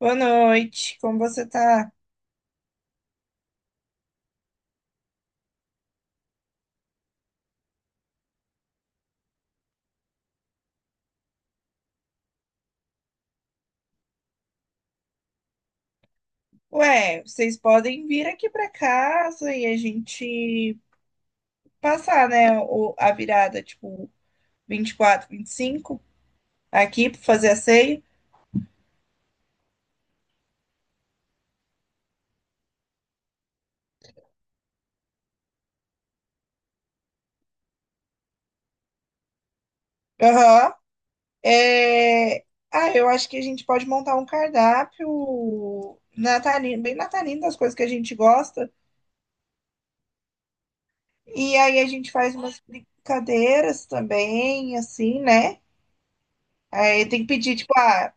Boa noite, como você tá? Ué, vocês podem vir aqui pra casa e a gente passar, né, a virada, tipo, vinte e quatro, 25 aqui pra fazer a ceia. Aham. É... Ah, eu acho que a gente pode montar um cardápio natalino, bem natalino das coisas que a gente gosta. E aí a gente faz umas brincadeiras também, assim, né? Aí tem que pedir, tipo, ah,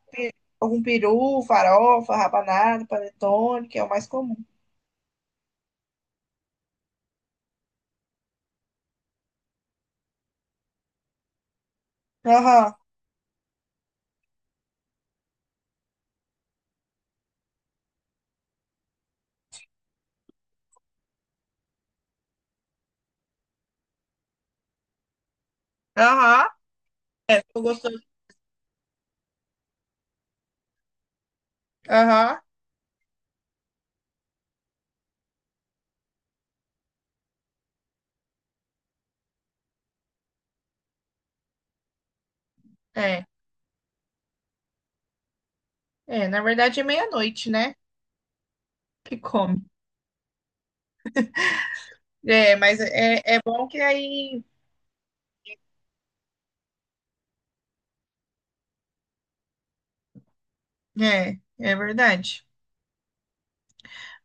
algum peru, farofa, rabanada, panetone, que é o mais comum. Aham, aham, é, tô gostoso. Aham, é. É, na verdade é meia-noite, né? Que come. É, mas é bom que aí. É, é verdade.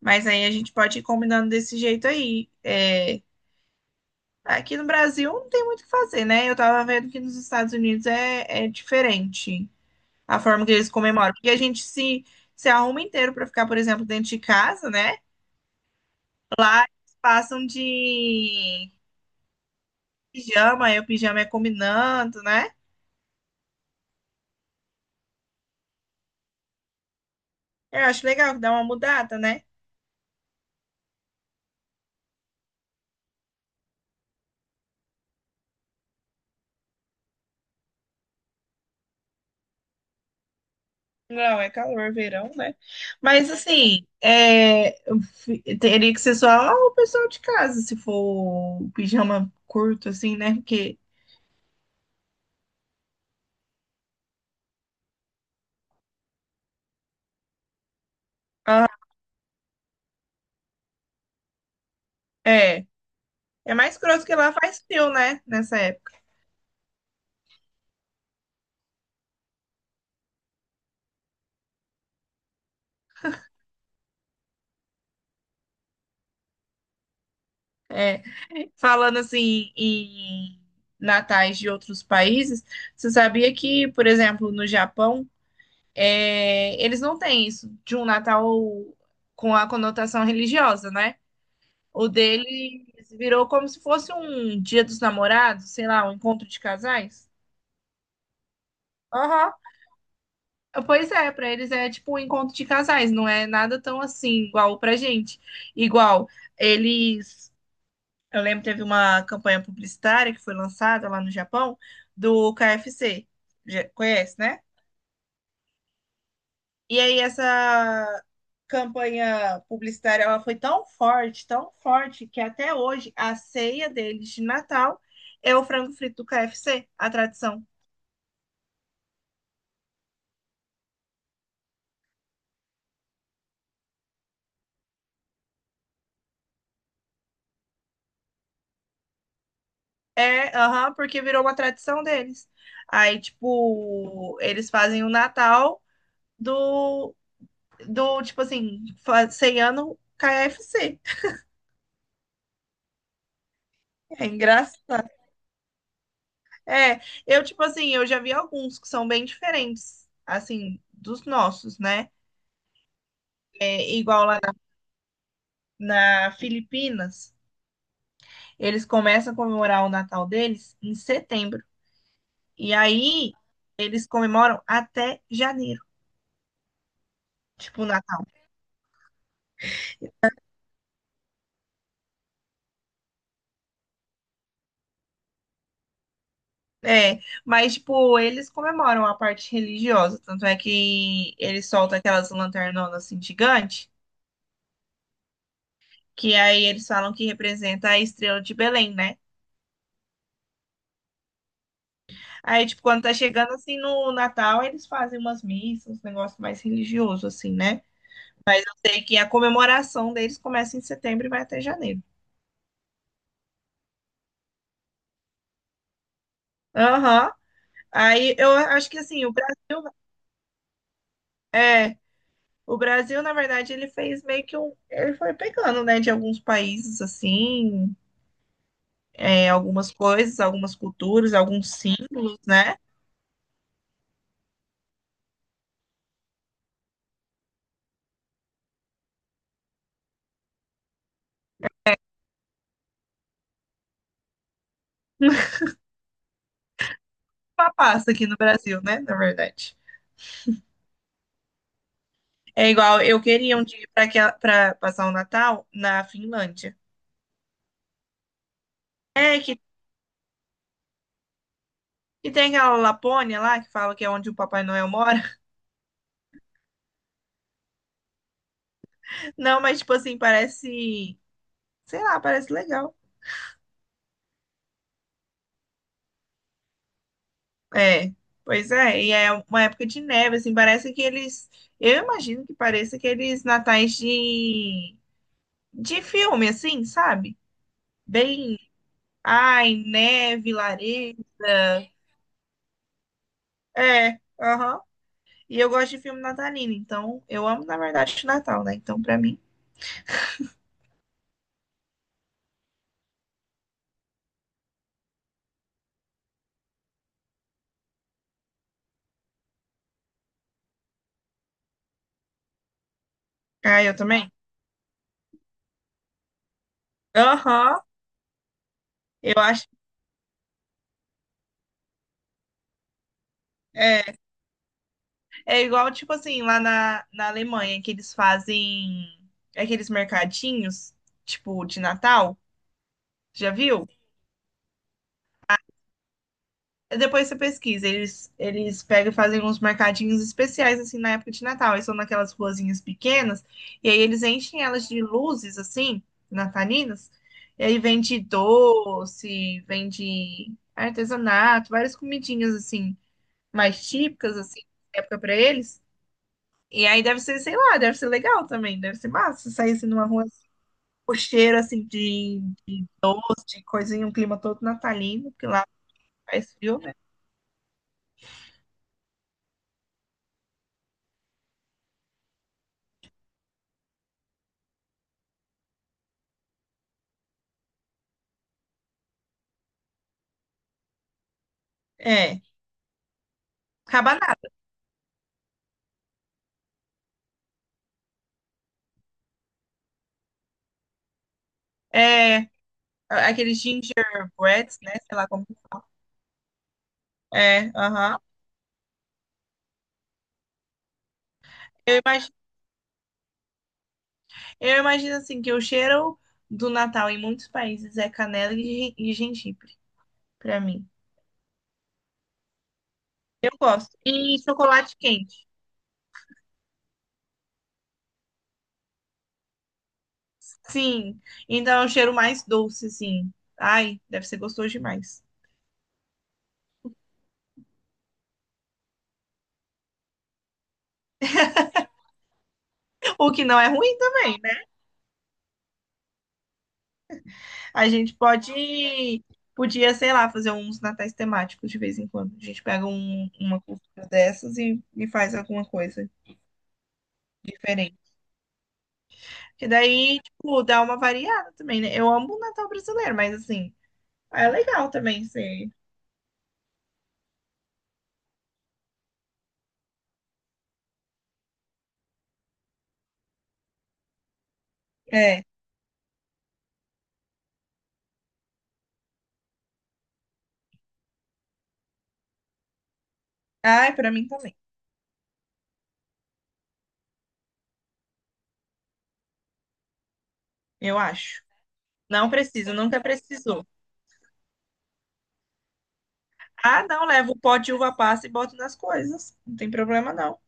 Mas aí a gente pode ir combinando desse jeito aí. É, aqui no Brasil não tem muito o que fazer, né? Eu tava vendo que nos Estados Unidos é diferente a forma que eles comemoram. Porque a gente se arruma inteiro pra ficar, por exemplo, dentro de casa, né? Lá eles passam de pijama, aí o pijama é combinando, né? Eu acho legal, que dá uma mudada, né? Não, é calor, verão, né? Mas assim, é, teria que ser só o pessoal de casa, se for o pijama curto, assim, né? Porque ah, é, é mais grosso que lá faz frio, né? Nessa época. É. Falando assim em natais de outros países, você sabia que, por exemplo, no Japão, é, eles não têm isso de um Natal com a conotação religiosa, né? O deles virou como se fosse um Dia dos Namorados, sei lá, um encontro de casais. Aham. Pois é, para eles é tipo um encontro de casais, não é nada tão assim igual pra gente. Igual eles, eu lembro que teve uma campanha publicitária que foi lançada lá no Japão do KFC. Já conhece, né? E aí essa campanha publicitária ela foi tão forte, que até hoje a ceia deles de Natal é o frango frito do KFC, a tradição. É, aham, porque virou uma tradição deles. Aí, tipo, eles fazem o Natal do, do tipo assim, ceiano KFC. É engraçado. É, eu, tipo assim, eu já vi alguns que são bem diferentes, assim, dos nossos, né? É, igual lá na Filipinas, eles começam a comemorar o Natal deles em setembro. E aí eles comemoram até janeiro, tipo o Natal. É, mas tipo, eles comemoram a parte religiosa, tanto é que eles soltam aquelas lanternonas assim gigantes. Que aí eles falam que representa a estrela de Belém, né? Aí, tipo, quando tá chegando assim no Natal, eles fazem umas missas, uns negócios mais religiosos assim, né? Mas eu sei que a comemoração deles começa em setembro e vai até janeiro. Aham. Aí eu acho que assim, o Brasil é, o Brasil, na verdade, ele fez meio que um, ele foi pegando, né, de alguns países assim, é, algumas coisas, algumas culturas, alguns símbolos, né? Uma pasta aqui no Brasil, né, na verdade. É igual, eu queria um dia para passar o Natal na Finlândia. É que tem aquela Lapônia lá que fala que é onde o Papai Noel mora. Não, mas tipo assim, parece, sei lá, parece legal. É, pois é, e é uma época de neve, assim, parece que eles, eu imagino que pareça aqueles natais de filme, assim, sabe? Bem, ai, neve, lareira. É, aham. E eu gosto de filme natalino, então, eu amo, na verdade, o Natal, né? Então, pra mim, ah, eu também. Aham. Eu acho, é, é igual, tipo assim, lá na Alemanha, que eles fazem aqueles mercadinhos, tipo, de Natal, já viu? Depois você pesquisa, eles pegam e fazem uns mercadinhos especiais, assim, na época de Natal. Eles são naquelas ruazinhas pequenas, e aí eles enchem elas de luzes, assim, natalinas. E aí vende doce, vende artesanato, várias comidinhas, assim, mais típicas, assim, da época pra eles. E aí deve ser, sei lá, deve ser legal também, deve ser massa sair assim numa rua, o cheiro, assim, de doce, de coisinha, um clima todo natalino, porque lá faz frio, né? É, acaba é, aqueles gingerbreads, né? Sei lá como que fala. É, aham. Eu imagino, eu imagino assim que o cheiro do Natal em muitos países é canela e, e gengibre, pra mim. Eu gosto. E chocolate quente. Sim. Então é um cheiro mais doce, assim. Ai, deve ser gostoso demais. O que não é ruim também, né? A gente pode, podia, sei lá, fazer uns natais temáticos de vez em quando. A gente pega uma cultura dessas e faz alguma coisa diferente. Que daí, tipo, dá uma variada também, né? Eu amo o Natal brasileiro, mas assim, é legal também ser. É. Ai, pra mim também, eu acho. Não preciso, nunca precisou. Ah, não, levo o pote de uva passa e boto nas coisas. Não tem problema, não.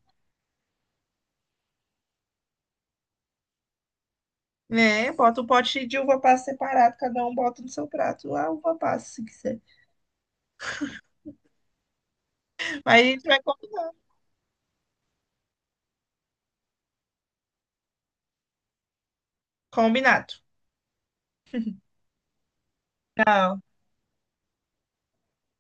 É, bota o pote de uva passa separado, cada um bota no seu prato a uva passa, se quiser. Mas a gente vai combinar. Combinado. Tchau.